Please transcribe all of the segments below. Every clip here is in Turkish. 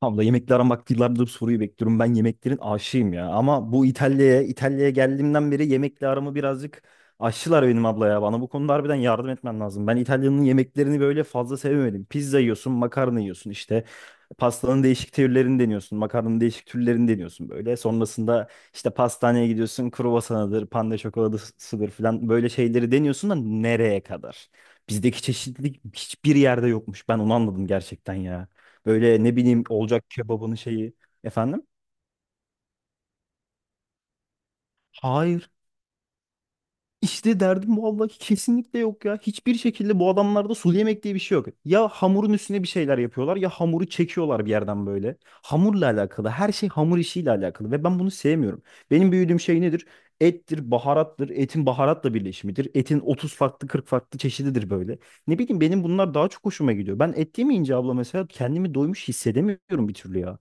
Abla yemekle aramak yıllardır bu soruyu bekliyorum. Ben yemeklerin aşığıyım ya. Ama bu İtalya'ya geldiğimden beri yemekle aramı birazcık aşçılar benim abla ya. Bana bu konuda harbiden yardım etmen lazım. Ben İtalya'nın yemeklerini böyle fazla sevemedim. Pizza yiyorsun, makarna yiyorsun işte. Pastanın değişik türlerini deniyorsun. Makarnanın değişik türlerini deniyorsun böyle. Sonrasında işte pastaneye gidiyorsun. Kruvasanıdır, pande çokoladasıdır falan. Böyle şeyleri deniyorsun da nereye kadar? Bizdeki çeşitlilik hiçbir yerde yokmuş. Ben onu anladım gerçekten ya. Böyle ne bileyim olacak kebabını şeyi. Efendim? Hayır. İşte derdim vallahi ki kesinlikle yok ya. Hiçbir şekilde bu adamlarda sulu yemek diye bir şey yok. Ya hamurun üstüne bir şeyler yapıyorlar ya hamuru çekiyorlar bir yerden böyle. Hamurla alakalı. Her şey hamur işiyle alakalı ve ben bunu sevmiyorum. Benim büyüdüğüm şey nedir? Ettir, baharattır, etin baharatla birleşimidir. Etin 30 farklı 40 farklı çeşididir böyle. Ne bileyim benim bunlar daha çok hoşuma gidiyor. Ben et yemeyince abla mesela kendimi doymuş hissedemiyorum bir türlü ya.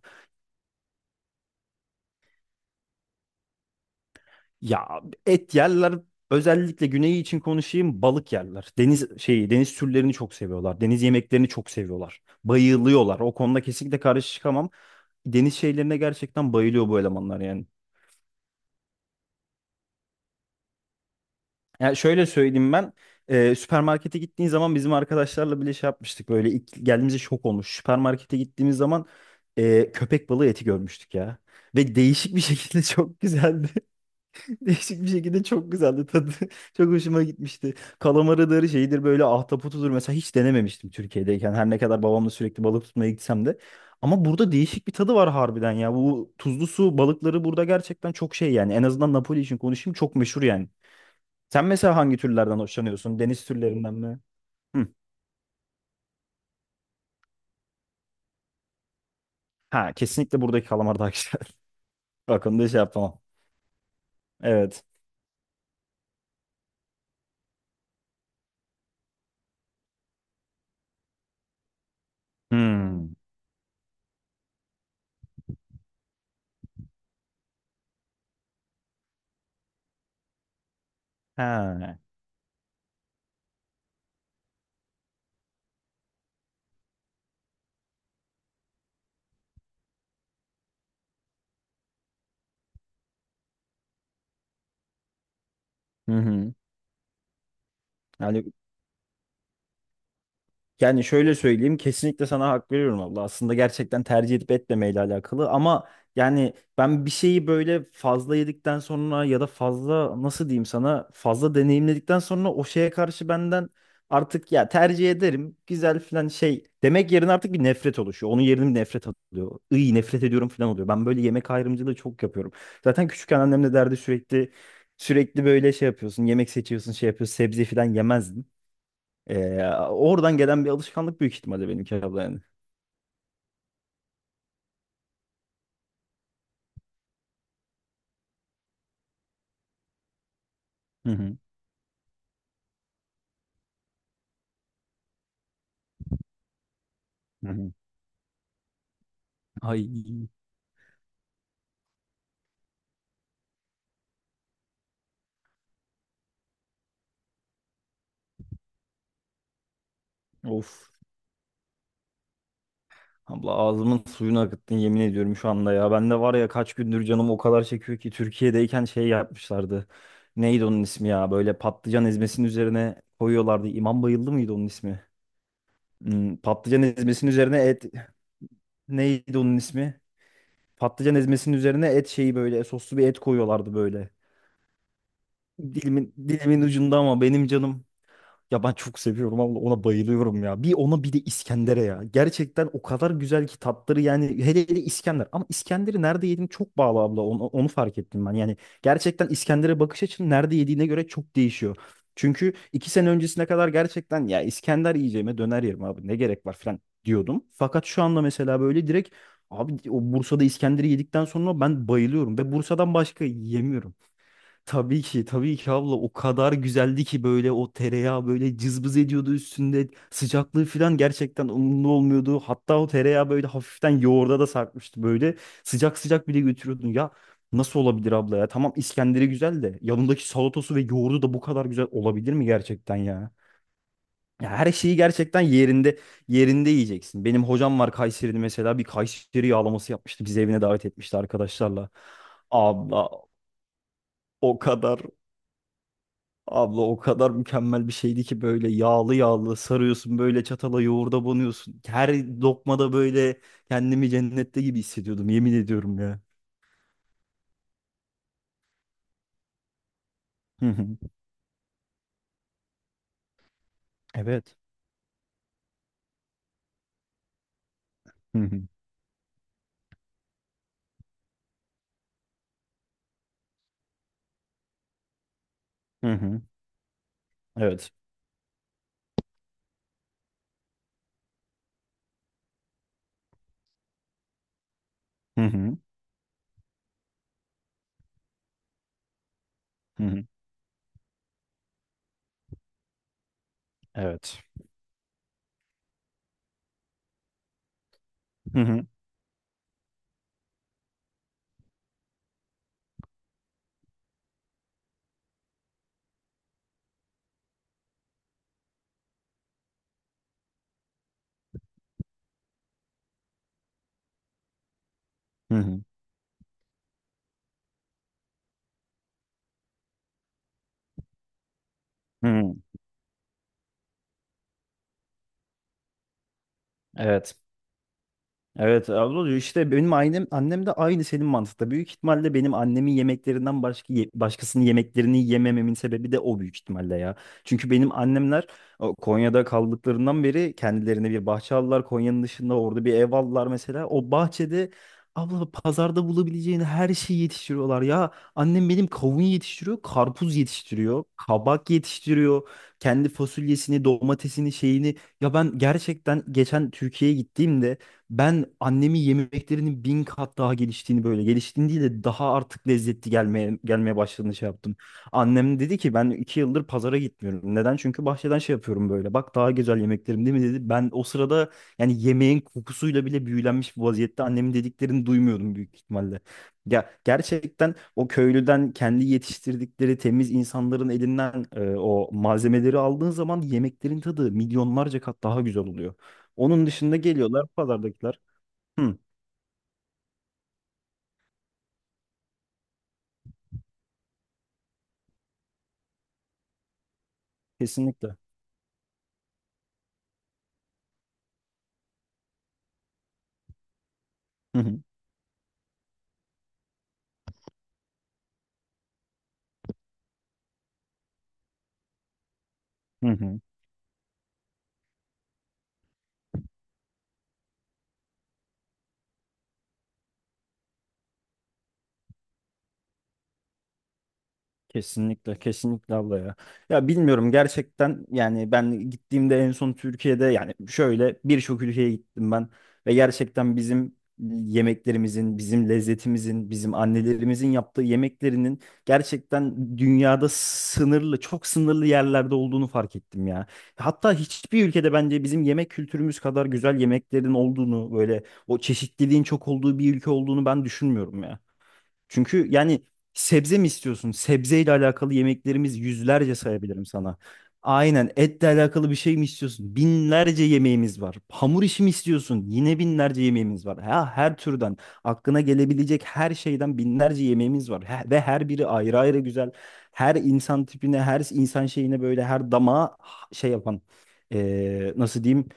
Ya et yerler özellikle güneyi için konuşayım balık yerler. Deniz şeyi deniz türlerini çok seviyorlar. Deniz yemeklerini çok seviyorlar. Bayılıyorlar. O konuda kesinlikle karşı çıkamam. Deniz şeylerine gerçekten bayılıyor bu elemanlar yani. Yani şöyle söyleyeyim ben süpermarkete gittiğin zaman bizim arkadaşlarla bile şey yapmıştık böyle ilk geldiğimizde şok olmuş. Süpermarkete gittiğimiz zaman köpek balığı eti görmüştük ya. Ve değişik bir şekilde çok güzeldi. Değişik bir şekilde çok güzeldi tadı. Çok hoşuma gitmişti. Kalamarıdır, şeyidir böyle ahtapotudur. Mesela hiç denememiştim Türkiye'deyken. Her ne kadar babamla sürekli balık tutmaya gitsem de. Ama burada değişik bir tadı var harbiden ya. Bu tuzlu su balıkları burada gerçekten çok şey yani. En azından Napoli için konuşayım çok meşhur yani. Sen mesela hangi türlerden hoşlanıyorsun? Deniz türlerinden mi? Hı. Ha, kesinlikle buradaki kalamar daha güzel. Bak onu da şey yapamam. Evet. Hmm. Ha. Hı hı. Yani Yani şöyle söyleyeyim kesinlikle sana hak veriyorum abla. Aslında gerçekten tercih edip etmemeyle alakalı ama yani ben bir şeyi böyle fazla yedikten sonra ya da fazla nasıl diyeyim sana fazla deneyimledikten sonra o şeye karşı benden artık ya tercih ederim güzel filan şey demek yerine artık bir nefret oluşuyor. Onun yerine bir nefret alıyor. İyi nefret ediyorum filan oluyor. Ben böyle yemek ayrımcılığı çok yapıyorum. Zaten küçükken annem de derdi sürekli sürekli böyle şey yapıyorsun yemek seçiyorsun şey yapıyorsun sebze filan yemezdin. Ee, oradan gelen bir alışkanlık büyük ihtimalle benimki abla yani. Hı hı. Hı hı. Ay, of. Abla ağzımın suyunu akıttın yemin ediyorum şu anda ya. Ben de var ya kaç gündür canım o kadar çekiyor ki Türkiye'deyken şey yapmışlardı. Neydi onun ismi ya? Böyle patlıcan ezmesinin üzerine koyuyorlardı. İmam Bayıldı mıydı onun ismi? Patlıcan ezmesinin üzerine et neydi onun ismi? Patlıcan ezmesinin üzerine et şeyi böyle soslu bir et koyuyorlardı böyle. Dilimin ucunda ama benim canım. Ya ben çok seviyorum abla ona bayılıyorum ya. Bir ona bir de İskender'e ya. Gerçekten o kadar güzel ki tatları yani hele hele İskender. Ama İskender'i nerede yediğim çok bağlı abla onu fark ettim ben. Yani gerçekten İskender'e bakış açın nerede yediğine göre çok değişiyor. Çünkü 2 sene öncesine kadar gerçekten ya İskender yiyeceğime döner yerim abi ne gerek var falan diyordum. Fakat şu anda mesela böyle direkt abi o Bursa'da İskender'i yedikten sonra ben bayılıyorum ve Bursa'dan başka yemiyorum. Tabii ki, tabii ki abla o kadar güzeldi ki böyle o tereyağı böyle cızbız ediyordu üstünde. Sıcaklığı falan gerçekten umurunda olmuyordu. Hatta o tereyağı böyle hafiften yoğurda da sarkmıştı böyle. Sıcak sıcak bile götürüyordun. Ya nasıl olabilir abla ya? Tamam İskender'i güzel de yanındaki salatası ve yoğurdu da bu kadar güzel olabilir mi gerçekten ya? Ya her şeyi gerçekten yerinde yerinde yiyeceksin. Benim hocam var Kayseri'de mesela bir Kayseri yağlaması yapmıştı. Bizi evine davet etmişti arkadaşlarla. Abla o kadar Abla o kadar mükemmel bir şeydi ki böyle yağlı yağlı sarıyorsun böyle çatala yoğurda banıyorsun. Her lokmada böyle kendimi cennette gibi hissediyordum yemin ediyorum ya. Hı hı. Evet. Hı hı. Hı hı. Evet. Hı hı. Hı hı. Evet. Hı hı. Hı hı. Hı hı. Evet. Evet abla işte benim annem de aynı senin mantıkta. Büyük ihtimalle benim annemin yemeklerinden başka ye- başkasının yemeklerini yemememin sebebi de o büyük ihtimalle ya. Çünkü benim annemler Konya'da kaldıklarından beri kendilerine bir bahçe aldılar. Konya'nın dışında orada bir ev aldılar mesela. O bahçede abla pazarda bulabileceğin her şeyi yetiştiriyorlar ya. Annem benim kavun yetiştiriyor, karpuz yetiştiriyor, kabak yetiştiriyor. Kendi fasulyesini, domatesini, şeyini. Ya ben gerçekten geçen Türkiye'ye gittiğimde ben annemin yemeklerinin 1.000 kat daha geliştiğini böyle geliştiğini değil de daha artık lezzetli gelmeye başladığını şey yaptım. Annem dedi ki ben 2 yıldır pazara gitmiyorum. Neden? Çünkü bahçeden şey yapıyorum böyle. Bak daha güzel yemeklerim değil mi dedi. Ben o sırada yani yemeğin kokusuyla bile büyülenmiş bir vaziyette annemin dediklerini duymuyordum büyük ihtimalle. Ya gerçekten o köylüden kendi yetiştirdikleri temiz insanların elinden o malzemeleri aldığın zaman yemeklerin tadı milyonlarca kat daha güzel oluyor. Onun dışında geliyorlar pazardakiler. Hı, kesinlikle. Hı hı. Hı hı. Kesinlikle, kesinlikle abla ya. Ya bilmiyorum gerçekten yani ben gittiğimde en son Türkiye'de yani şöyle birçok ülkeye gittim ben ve gerçekten bizim yemeklerimizin, bizim lezzetimizin, bizim annelerimizin yaptığı yemeklerinin gerçekten dünyada sınırlı, çok sınırlı yerlerde olduğunu fark ettim ya. Hatta hiçbir ülkede bence bizim yemek kültürümüz kadar güzel yemeklerin olduğunu, böyle o çeşitliliğin çok olduğu bir ülke olduğunu ben düşünmüyorum ya. Çünkü yani sebze mi istiyorsun? Sebzeyle alakalı yemeklerimiz yüzlerce sayabilirim sana. Aynen etle alakalı bir şey mi istiyorsun? Binlerce yemeğimiz var. Hamur işi mi istiyorsun? Yine binlerce yemeğimiz var. Ha, her türden aklına gelebilecek her şeyden binlerce yemeğimiz var. Ve her biri ayrı ayrı güzel. Her insan tipine, her insan şeyine böyle her damağa şey yapan. Nasıl diyeyim?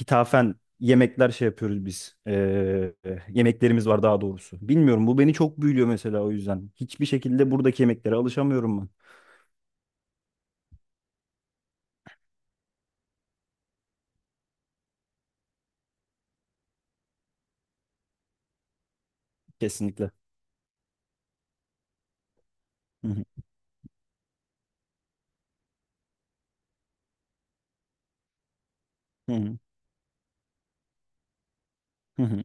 Hitafen yemekler şey yapıyoruz biz. Yemeklerimiz var daha doğrusu. Bilmiyorum bu beni çok büyülüyor mesela o yüzden. Hiçbir şekilde buradaki yemeklere alışamıyorum ben. Kesinlikle. Hı hı. Hı hı. Hı hı.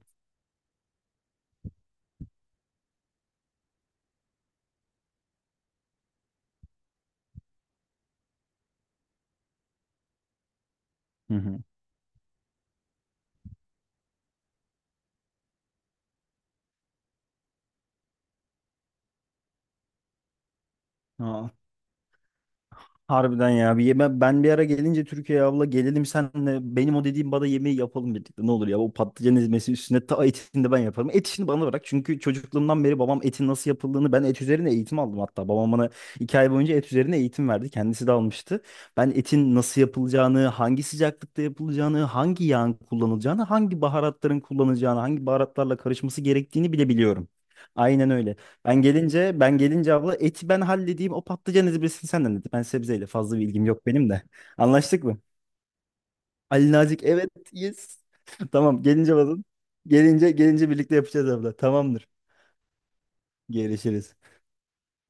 Hı hı. Aa, harbiden ya. Bir yeme, ben bir ara gelince Türkiye'ye abla gelelim senle benim o dediğim bana yemeği yapalım birlikte. Ne olur ya o patlıcan ezmesi üstüne ta etini de ben yaparım. Et işini bana bırak. Çünkü çocukluğumdan beri babam etin nasıl yapıldığını ben et üzerine eğitim aldım hatta. Babam bana 2 ay boyunca et üzerine eğitim verdi. Kendisi de almıştı. Ben etin nasıl yapılacağını, hangi sıcaklıkta yapılacağını, hangi yağın kullanılacağını, hangi baharatların kullanılacağını, hangi baharatlarla karışması gerektiğini bile biliyorum. Aynen öyle. Ben gelince abla eti ben halledeyim o patlıcan ezbesini senden dedi. Ben sebzeyle fazla bir ilgim yok benim de. Anlaştık mı? Ali Nazik evet yes. Tamam gelince bakın. Gelince gelince birlikte yapacağız abla. Tamamdır. Görüşürüz.